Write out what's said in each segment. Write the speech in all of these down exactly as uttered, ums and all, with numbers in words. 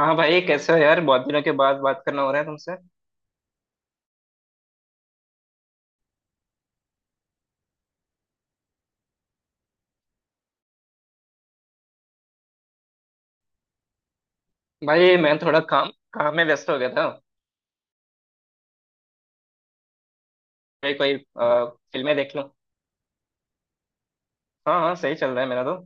हाँ भाई कैसे हो यार? बहुत दिनों के बाद बात करना हो रहा है तुमसे। भाई मैं थोड़ा काम काम में व्यस्त हो गया था। भाई कोई अ, फिल्में देख लूं। हाँ हाँ, सही चल रहा है मेरा तो।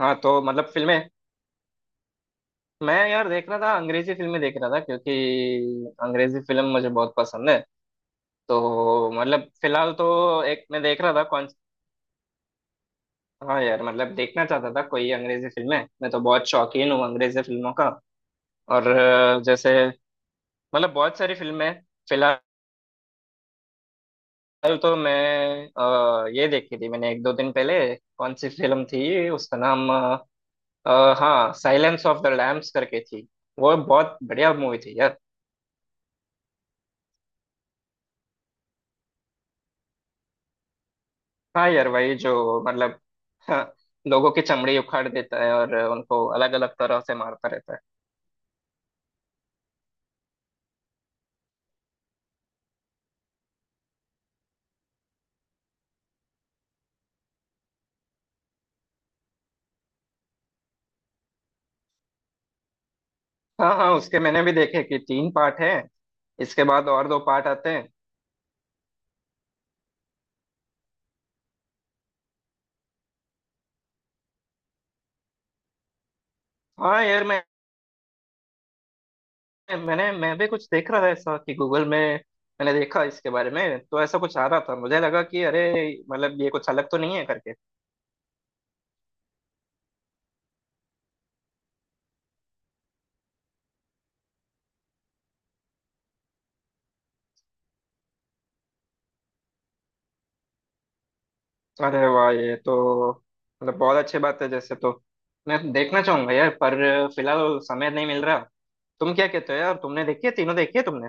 हाँ तो मतलब फिल्में, मैं यार देख रहा था, अंग्रेजी फिल्में देख रहा था क्योंकि अंग्रेजी फिल्म मुझे बहुत पसंद है। तो मतलब फिलहाल तो एक मैं देख रहा था कौन। हाँ यार मतलब देखना चाहता था कोई अंग्रेजी फिल्में, मैं तो बहुत शौकीन हूँ अंग्रेजी फिल्मों का। और अ, जैसे मतलब बहुत सारी फिल्में हैं। फिलहाल कल तो मैं अ, ये देखी थी मैंने एक दो दिन पहले। कौन सी फिल्म थी उसका नाम अ, अ, हाँ, साइलेंस ऑफ द लैम्स करके थी। वो बहुत बढ़िया मूवी थी यार। हाँ यार वही जो मतलब, हाँ, लोगों की चमड़ी उखाड़ देता है और उनको अलग अलग तरह से मारता रहता है। हाँ हाँ, उसके मैंने भी देखे कि तीन पार्ट हैं, इसके बाद और दो पार्ट आते हैं। हाँ यार मैं, मैंने मैं भी कुछ देख रहा था ऐसा कि गूगल में मैंने देखा, इसके बारे में तो ऐसा कुछ आ रहा था, मुझे लगा कि अरे मतलब ये कुछ अलग तो नहीं है करके। अरे वाह, ये तो मतलब बहुत अच्छी बात है जैसे तो, मैं देखना चाहूंगा यार, पर फिलहाल समय नहीं मिल रहा। तुम क्या कहते हो यार? तुमने देखी है? तीनों देखी है तुमने?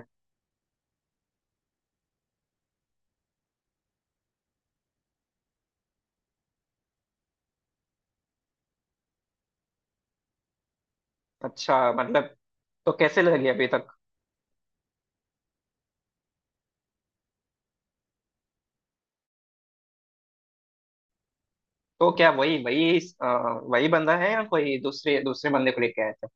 अच्छा मतलब, तो कैसे लगी अभी तक? तो क्या वही वही अ, वही बंदा है या कोई दूसरे दूसरे बंदे को लेके आया?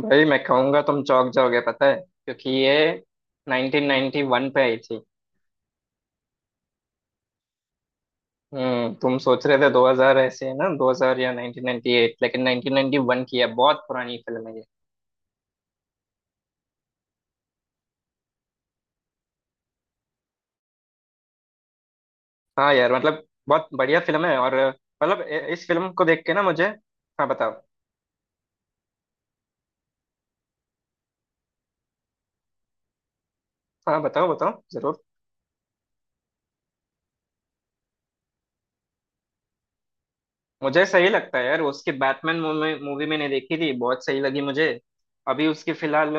भाई मैं कहूंगा तुम चौंक जाओगे पता है, क्योंकि ये नाइन्टीन नाइन्टी वन पे आई थी। हम्म तुम सोच रहे थे दो हज़ार, ऐसे है ना? दो हज़ार या नाइन्टीन नाइन्टी एट लेकिन नाइन्टीन नाइन्टी वन की है, बहुत पुरानी फिल्म है ये। हाँ यार मतलब बहुत बढ़िया फिल्म है, और मतलब ए- इस फिल्म को देख के ना मुझे, हाँ बताओ। हाँ, बताओ बताओ जरूर। मुझे सही लगता है यार, उसकी बैटमैन मूवी मूवी मैंने देखी थी, बहुत सही लगी मुझे। अभी उसकी फिलहाल,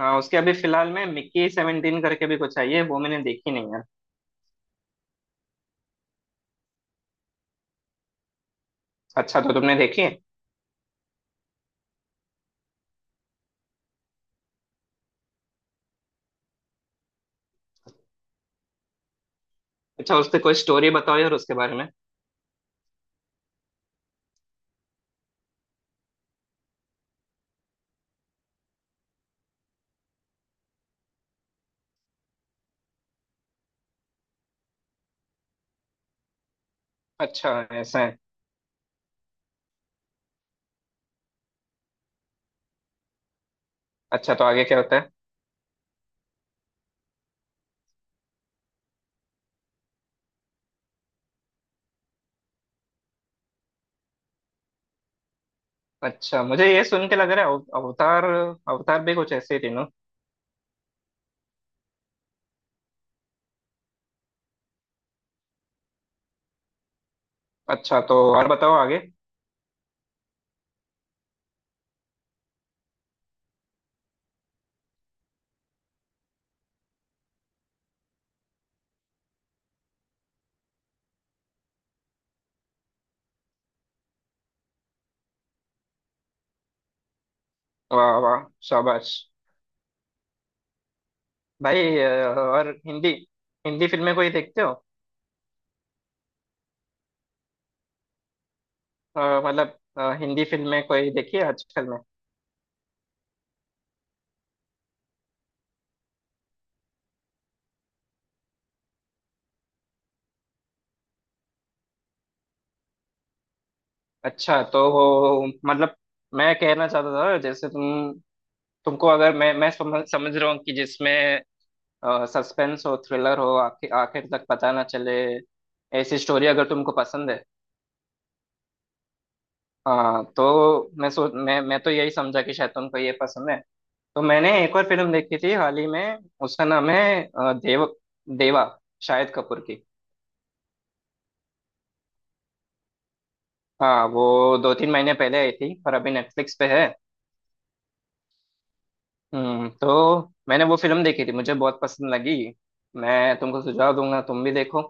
हाँ उसके अभी फिलहाल में मिक्की सेवेंटीन करके भी कुछ आई है, वो मैंने देखी नहीं है। अच्छा तो तुमने देखी है? अच्छा, उससे कोई स्टोरी बताओ यार उसके बारे में। अच्छा। ऐसा है। अच्छा, तो आगे क्या होता है? अच्छा, मुझे ये सुन के लग रहा है अव- अवतार, अवतार भी कुछ ऐसे ही थे ना। अच्छा, तो और बताओ आगे। वाह वाह। शाबाश। भाई अ, और हिंदी, हिंदी फिल्में कोई देखते हो? अ, मतलब अ, हिंदी फिल्में कोई देखी है आजकल में? अच्छा तो वो मतलब मैं कहना चाहता था, जैसे तुम, तुमको अगर मैं मैं समझ समझ रहा हूँ कि जिसमें सस्पेंस हो, थ्रिलर हो, आखिर आखिर तक पता ना चले, ऐसी स्टोरी अगर तुमको पसंद है। हाँ तो मैं सोच, मैं मैं तो यही समझा कि शायद तुमको ये पसंद है। तो मैंने एक और फिल्म देखी थी हाल ही में, उसका नाम है अ, देव, देवा, शाहिद कपूर की। हाँ, वो दो तीन महीने पहले आई थी पर अभी नेटफ्लिक्स पे है। हम्म तो मैंने वो फिल्म देखी थी, मुझे बहुत पसंद लगी, मैं तुमको सुझाव दूंगा, तुम भी देखो।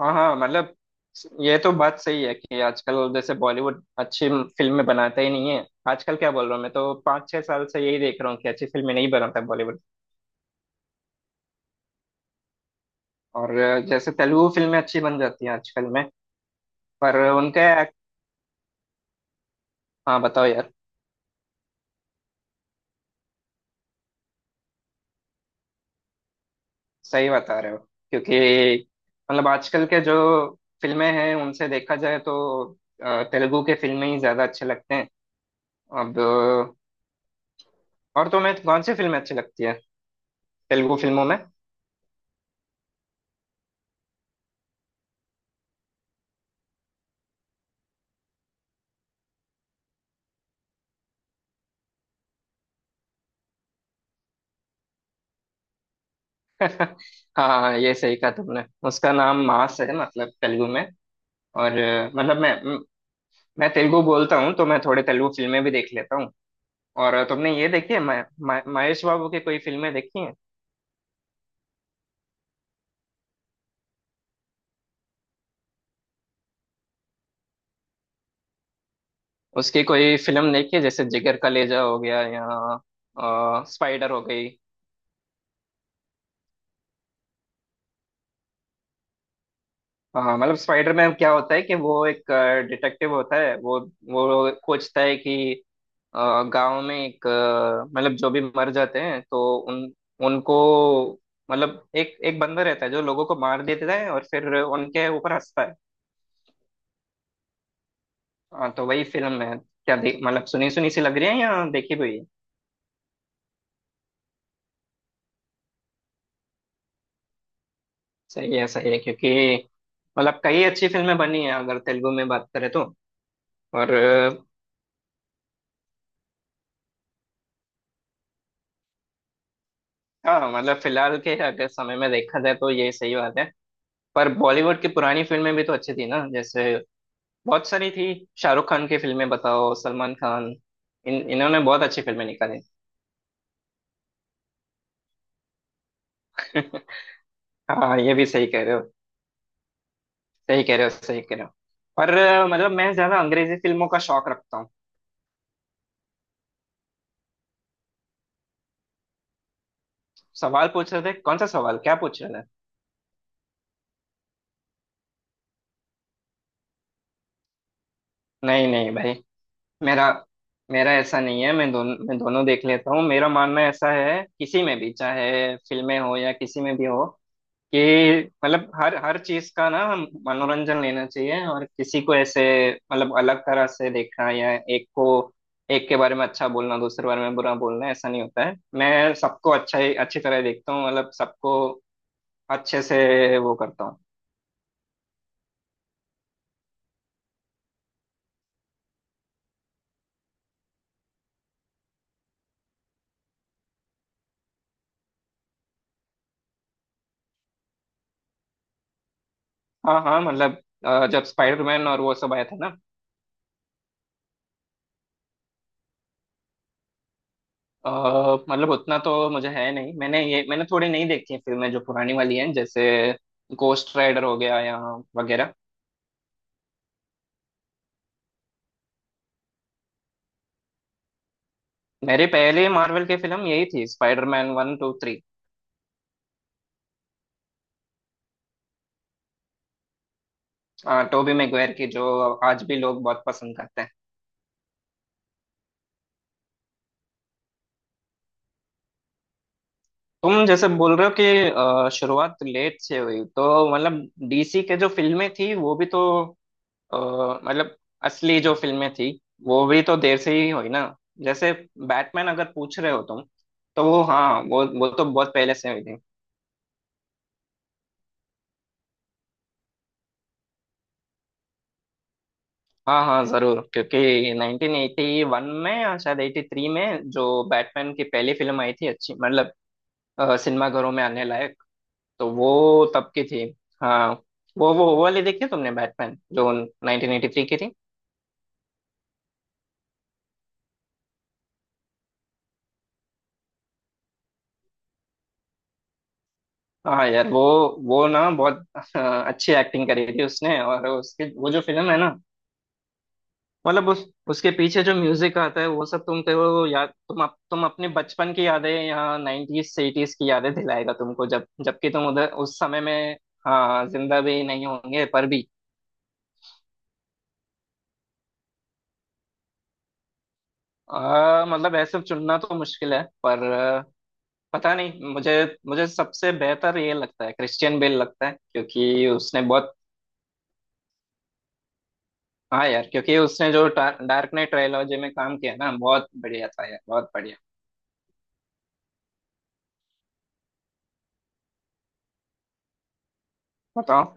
हाँ हाँ, मतलब ये तो बात सही है कि आजकल जैसे बॉलीवुड अच्छी फिल्में बनाता ही नहीं है। आजकल क्या बोल रहा हूँ, मैं तो पाँच छह साल से यही देख रहा हूँ कि अच्छी फिल्में नहीं बनाता बॉलीवुड। और जैसे तेलुगु फिल्में अच्छी बन जाती हैं आजकल में, पर उनके act- हाँ बताओ यार, सही बता रहे हो, क्योंकि मतलब आजकल के जो फिल्में हैं उनसे देखा जाए तो अ, तेलुगु के फिल्में ही ज्यादा अच्छे लगते हैं अब। और तुम्हें कौन सी फिल्म अच्छी लगती है तेलुगु फिल्मों में? हाँ, ये सही कहा तुमने, उसका नाम मास है मतलब तेलुगु में। और अ, मतलब मैं म- मैं तेलुगु बोलता हूँ, तो मैं थोड़े तेलुगु फिल्में भी देख लेता हूँ। और तुमने ये देखी है म- म- महेश बाबू की कोई फिल्में देखी हैं? उसकी कोई फिल्म देखी है जैसे जिगर कलेजा हो गया या अ, स्पाइडर हो गई? हाँ, मतलब स्पाइडर में क्या होता है, कि वो एक डिटेक्टिव होता है, वो वो खोजता है कि अ, गांव में एक अ, मतलब जो भी मर जाते हैं, तो उन उनको मतलब एक एक बंदा रहता है जो लोगों को मार देता है और फिर उनके ऊपर हंसता है। हाँ तो वही फिल्म है। क्या देख मतलब, सुनी सुनी सी लग रही है या देखी हुई है? सही है, सही है, क्योंकि मतलब कई अच्छी फिल्में बनी है अगर तेलुगु में बात करें तो। और अ, हाँ मतलब फिलहाल के अगर समय में देखा जाए तो ये सही बात है, पर बॉलीवुड की पुरानी फिल्में भी तो अच्छी थी ना, जैसे बहुत सारी थी, शाहरुख खान की फिल्में, बताओ सलमान खान, इन इन्होंने बहुत अच्छी फिल्में निकाली। हाँ, ये भी सही कह रहे हो, सही कह रहे हो, सही कह रहे हो। पर अ, मतलब मैं ज्यादा अंग्रेजी फिल्मों का शौक रखता हूँ। सवाल पूछ रहे थे, कौन सा सवाल, क्या पूछ रहे थे? नहीं नहीं भाई, मेरा मेरा ऐसा नहीं है, मैं दोनों मैं दोनों देख लेता हूँ, मेरा मानना ऐसा है किसी में भी, चाहे फिल्में हो या किसी में भी हो, कि मतलब हर हर चीज का ना हम मनोरंजन लेना चाहिए, और किसी को ऐसे मतलब अलग तरह से देखना, या एक को, एक के बारे में अच्छा बोलना दूसरे बारे में बुरा बोलना, ऐसा नहीं होता है। मैं सबको अच्छा ही, अच्छी तरह देखता हूँ, मतलब सबको अच्छे से वो करता हूँ। हाँ हाँ, मतलब अ, जब स्पाइडरमैन और वो सब आया था ना। अ, मतलब उतना तो मुझे है नहीं, मैंने ये मैंने थोड़ी नहीं देखी हैं फिल्में जो पुरानी वाली हैं, जैसे गोस्ट राइडर हो गया या वगैरह। मेरे पहले मार्वल की फिल्म यही थी, Spiderman one two three, Toby Maguire की, जो आज भी लोग बहुत पसंद करते हैं। तुम जैसे बोल रहे हो कि अ, शुरुआत लेट से हुई, तो मतलब डीसी के जो फिल्में थी वो भी तो अ, मतलब असली जो फिल्में थी वो भी तो देर से ही हुई ना, जैसे बैटमैन अगर पूछ रहे हो तुम, तो वो, हाँ, वो वो तो बहुत पहले से हुई थी। हाँ हाँ जरूर, क्योंकि नाइन्टीन एटी वन में या शायद एटी थ्री में जो बैटमैन की पहली फिल्म आई थी अच्छी, मतलब अ, सिनेमा घरों में आने लायक, तो वो तब की थी। हाँ, वो वो वो वाली देखी है तुमने, बैटमैन जो नाइन्टीन एटी थ्री की थी? हाँ यार वो वो ना बहुत अ, अच्छी एक्टिंग करी थी उसने, और उसके वो जो फिल्म है ना, मतलब उस उसके पीछे जो म्यूजिक आता है, वो सब तुम कहो याद, तुम अप, तुम अपने बचपन की यादें, या नाइन्टीज से एटीज़ की यादें दिलाएगा तुमको, जब जबकि तुम उधर उस समय में हाँ जिंदा भी नहीं होंगे पर भी। आ, मतलब ऐसे चुनना तो मुश्किल है, पर आ, पता नहीं मुझे, मुझे सबसे बेहतर ये लगता है, क्रिश्चियन बेल लगता है, क्योंकि उसने बहुत, हाँ यार, क्योंकि उसने जो डार्क नाइट ट्रायलॉजी में काम किया ना बहुत बढ़िया था यार, बहुत बढ़िया। बताओ।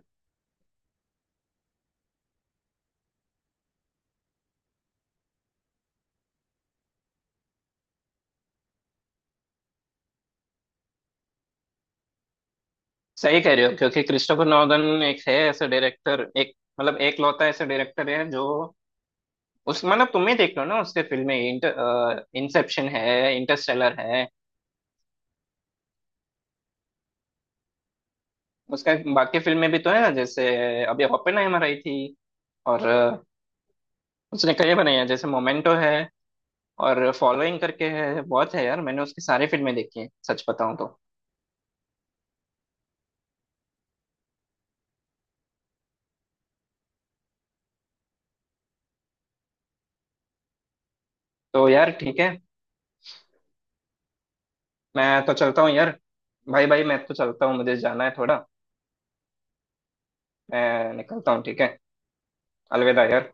सही कह रहे हो, क्योंकि क्रिस्टोफर नॉलन एक है ऐसे डायरेक्टर, एक मतलब एक लौता ऐसे डायरेक्टर है, जो उस मतलब तुम ही देख लो ना उसके फिल्में, इंटर, इंसेप्शन है, इंटरस्टेलर है, उसका बाकी फिल्में भी तो है ना, जैसे अभी ओपेनहाइमर आई थी, और अ, उसने कई बनाई है, जैसे मोमेंटो है और फॉलोइंग करके है, बहुत है यार, मैंने उसकी सारी फिल्में देखी हैं सच बताऊं तो। तो यार ठीक है, मैं तो चलता हूँ यार, भाई भाई मैं तो चलता हूँ, मुझे जाना है थोड़ा, मैं निकलता हूँ, ठीक है, अलविदा यार।